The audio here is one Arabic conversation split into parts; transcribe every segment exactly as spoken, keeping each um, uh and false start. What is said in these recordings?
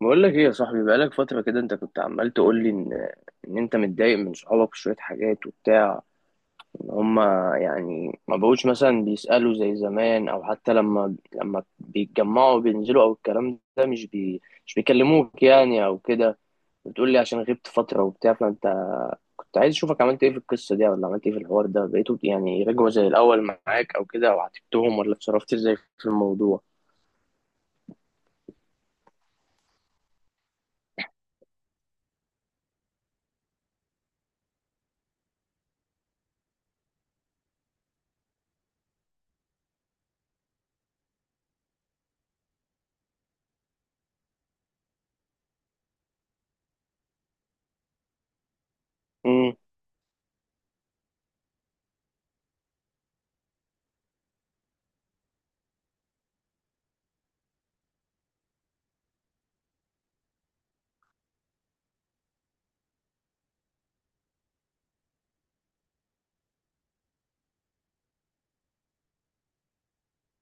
بقول لك ايه يا صاحبي؟ بقالك فترة كده انت كنت عمال تقول لي ان ان انت متضايق من صحابك في شوية حاجات وبتاع، ان هما يعني ما بقوش مثلا بيسألوا زي زمان، او حتى لما لما بيتجمعوا بينزلوا، او الكلام ده مش بي مش بيكلموك يعني او كده. بتقول لي عشان غبت فترة وبتاع، فانت كنت عايز اشوفك عملت ايه في القصة دي، ولا عملت ايه في الحوار ده، بقيتوا يعني رجعوا زي الاول معاك او كده، او عاتبتهم، ولا اتصرفت ازاي في الموضوع؟ امم.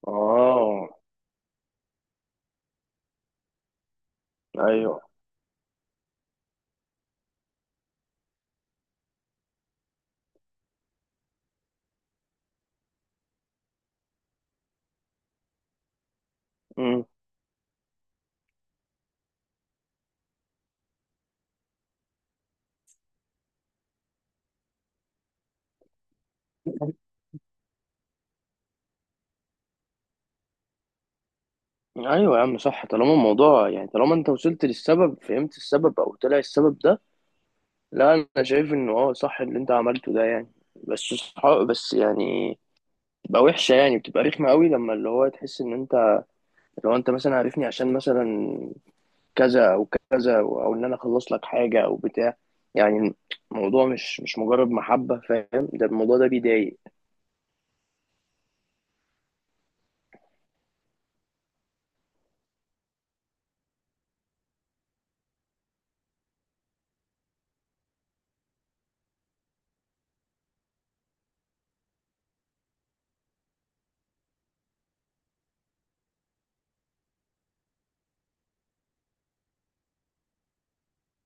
اه. ايوه. إمم. ايوه يا عم، صح. طالما الموضوع يعني طالما انت وصلت للسبب، فهمت السبب او طلع السبب ده، لا انا شايف انه اه صح اللي انت عملته ده يعني. بس صح، بس يعني بتبقى وحشه، يعني بتبقى رخمه قوي لما اللي هو تحس ان انت، لو انت مثلا عارفني عشان مثلا كذا او كذا او أو ان انا اخلص لك حاجه او بتاع يعني. الموضوع مش مش مجرد محبه، فاهم؟ ده الموضوع ده بيضايق.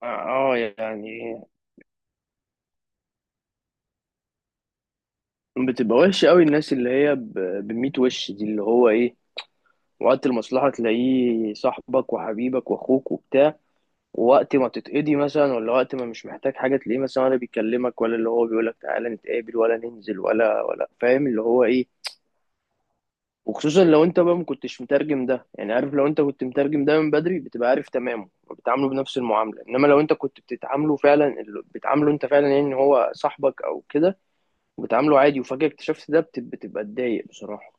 اه. آه، يعني بتبقى وحشه قوي الناس اللي هي ب- بميت وش دي اللي هو ايه، وقت المصلحة تلاقيه صاحبك وحبيبك واخوك وبتاع، ووقت ما تتقضي مثلا، ولا وقت ما مش محتاج حاجة تلاقيه مثلا ولا بيكلمك، ولا اللي هو بيقولك تعالى نتقابل ولا ننزل ولا ولا فاهم اللي هو ايه. وخصوصا لو انت بقى ما كنتش مترجم ده، يعني عارف لو انت كنت مترجم ده من بدري بتبقى عارف تمامه وبتعامله بنفس المعاملة، انما لو انت كنت بتتعامله فعلا ال- بتعامله انت فعلا يعني ان هو صاحبك او كده، وبتعامله عادي وفجأة اكتشفت ده، بت- بتبقى تضايق بصراحة.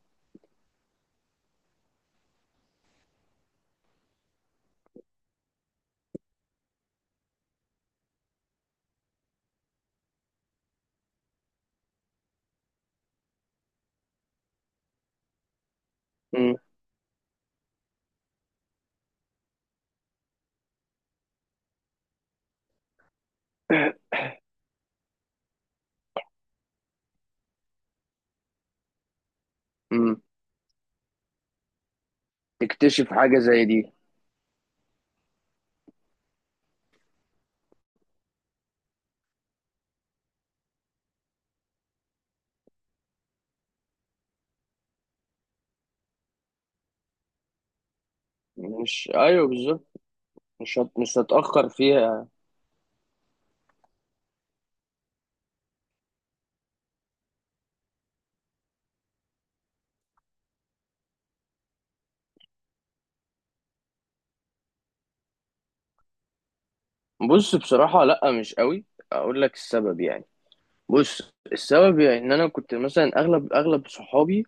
امم. امم. تكتشف حاجة زي دي. مش ايوه بالظبط، مش هت... مش هتأخر فيها يعني. بص بصراحة لأ مش قوي. أقول لك السبب يعني، بص السبب يعني إن أنا كنت مثلا أغلب أغلب صحابي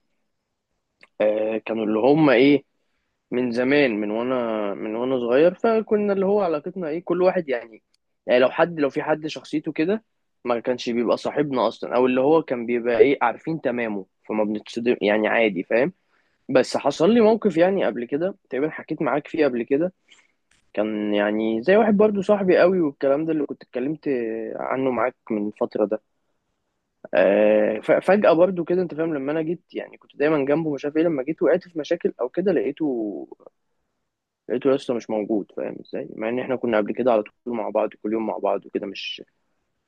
آه كانوا اللي هم إيه، من زمان، من وأنا من وأنا صغير، فكنا اللي هو علاقتنا إيه كل واحد يعني، يعني لو حد لو في حد شخصيته كده ما كانش بيبقى صاحبنا أصلا، أو اللي هو كان بيبقى إيه عارفين تمامه، فما بنتصدم يعني عادي، فاهم؟ بس حصل لي موقف يعني قبل كده تقريبا حكيت معاك فيه قبل كده، كان يعني زي واحد برضو صاحبي قوي، والكلام ده اللي كنت اتكلمت عنه معاك من فترة ده، آه، ف- فجأة برضو كده انت فاهم، لما انا جيت يعني كنت دايما جنبه مش عارف ايه، لما جيت وقعت في مشاكل او كده لقيته لقيته لسه مش موجود، فاهم ازاي؟ مع ان احنا كنا قبل كده على طول مع بعض، كل يوم مع بعض وكده، مش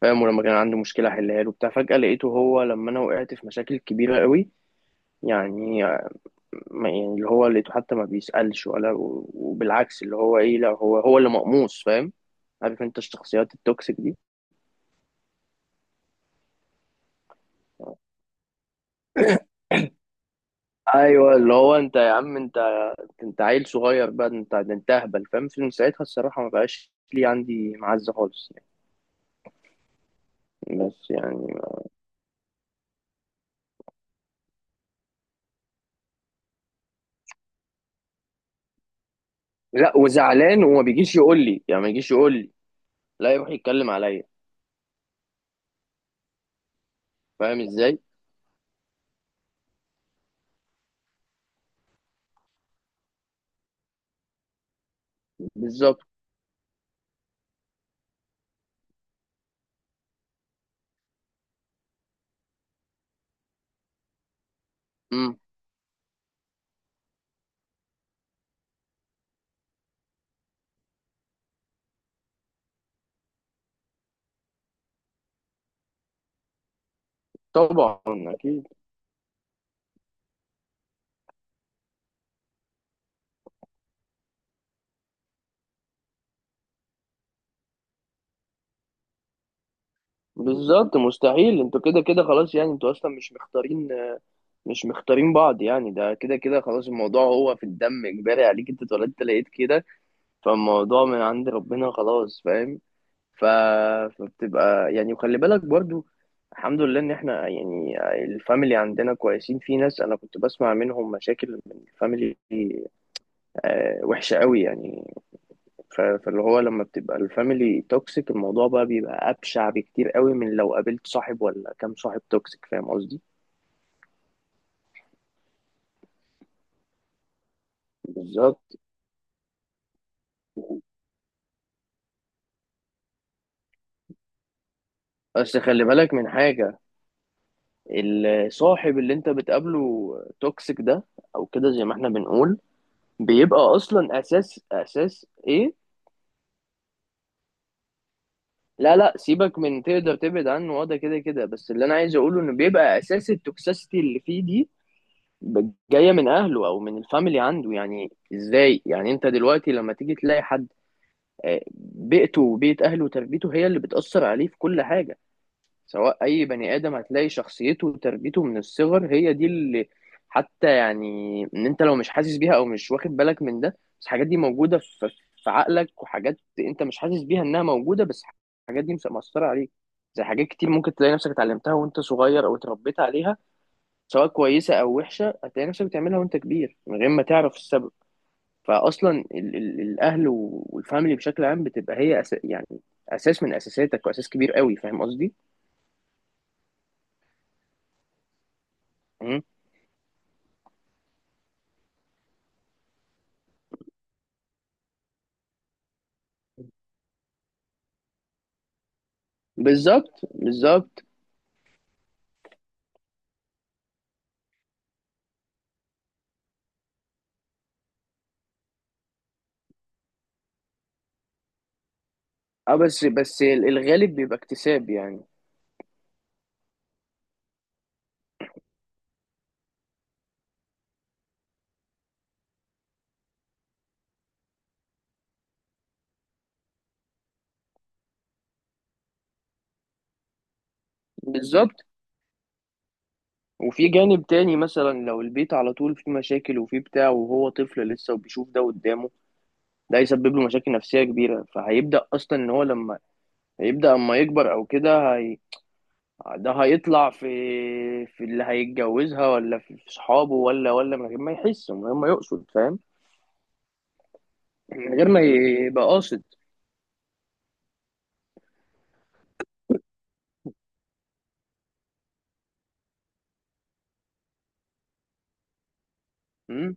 فاهم، ولما كان عنده مشكلة احلها له وبتاع، فجأة لقيته هو لما انا وقعت في مشاكل كبيرة قوي يعني، ما- يعني اللي هو لقيته حتى ما بيسألش، ولا وبالعكس اللي هو ايه، لا هو هو اللي مقموص، فاهم؟ عارف انت الشخصيات التوكسيك دي. ايوه اللي هو انت يا عم انت، انت عيل صغير بقى، انت ده انت اهبل، فاهم؟ من ساعتها الصراحه ما بقاش لي عندي معزه خالص يعني. بس يعني. لا وزعلان وما بيجيش يقول لي، يعني ما يجيش يقول لي، لا يروح يتكلم عليا. فاهم ازاي؟ بالظبط. امم. طبعا. اكيد. بالظبط مستحيل، انتوا كده كده خلاص يعني، انتوا اصلا مش مختارين، مش مختارين بعض يعني، ده كده كده خلاص، الموضوع هو في الدم، اجباري عليك، انت اتولدت لقيت كده، فالموضوع من عند ربنا خلاص، فاهم؟ ف... فبتبقى يعني، وخلي بالك برضو، الحمد لله ان احنا يعني الفاميلي عندنا كويسين، في ناس انا كنت بسمع منهم مشاكل من الفاميلي آه، وحشة قوي يعني، ف- فاللي هو لما بتبقى الفاميلي توكسيك الموضوع بقى بيبقى ابشع بكتير قوي من لو قابلت صاحب ولا كام صاحب توكسيك، فاهم قصدي؟ بالظبط. بس خلي بالك من حاجة، الصاحب اللي انت بتقابله توكسيك ده او كده زي ما احنا بنقول، بيبقى اصلا اساس اساس ايه، لا لا سيبك من تقدر تبعد عنه، وده كده كده، بس اللي انا عايز اقوله انه بيبقى اساس التوكسيسيتي اللي فيه دي ب- جايه من اهله او من الفاميلي عنده يعني، ازاي يعني انت دلوقتي لما تيجي تلاقي حد آه، بيئته وبيئه اهله وتربيته هي اللي بتاثر عليه في كل حاجه، سواء اي بني ادم هتلاقي شخصيته وتربيته من الصغر هي دي اللي، حتى يعني ان انت لو مش حاسس بيها او مش واخد بالك من ده، بس الحاجات دي موجوده في في عقلك، وحاجات انت مش حاسس بيها انها موجوده، بس الحاجات دي مس- مأثره عليك، زي حاجات كتير ممكن تلاقي نفسك اتعلمتها وانت صغير او اتربيت عليها، سواء كويسه او وحشه هتلاقي نفسك بتعملها وانت كبير من غير ما تعرف السبب. فاصلا ال ال الاهل و- والفاميلي بشكل عام بتبقى هي أس يعني اساس من اساساتك، واساس كبير قوي، فاهم قصدي؟ بالظبط بالظبط. اه بس بس الغالب بيبقى اكتساب يعني. بالظبط. وفي جانب تاني مثلا لو البيت على طول فيه مشاكل وفيه بتاع وهو طفل لسه وبيشوف ده قدامه، ده هيسبب له مشاكل نفسية كبيرة، فهيبدأ أصلا إن هو لما، هيبدأ أما يكبر أو كده هي... ده هيطلع في في اللي هيتجوزها، ولا في في صحابه، ولا ولا من غير ما يحس، من غير ما يقصد، فاهم؟ من غير ما يبقى قاصد. مم،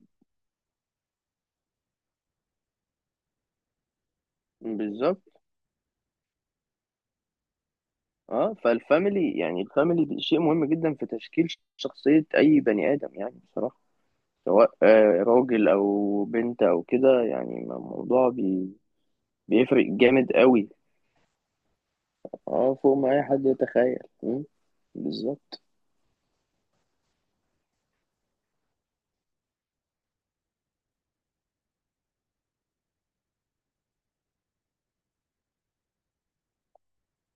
بالظبط. اه فالفاميلي يعني الفاميلي دي شيء مهم جدا في تشكيل شخصية أي بني آدم يعني بصراحة، سواء آه، راجل أو بنت أو كده يعني، الموضوع بي... بيفرق جامد قوي. اه فوق ما أي حد يتخيل، مم، بالظبط.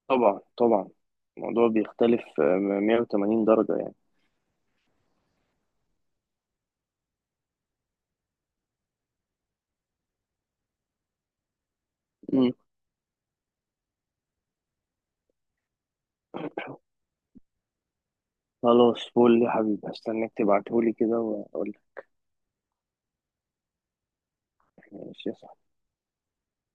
طبعا طبعا الموضوع بيختلف آه، مية وتمانين درجة يعني. مم. خلاص فول يا حبيبي، هستناك تبعتهولي كده وأقول لك. ماشي يا صاحبي.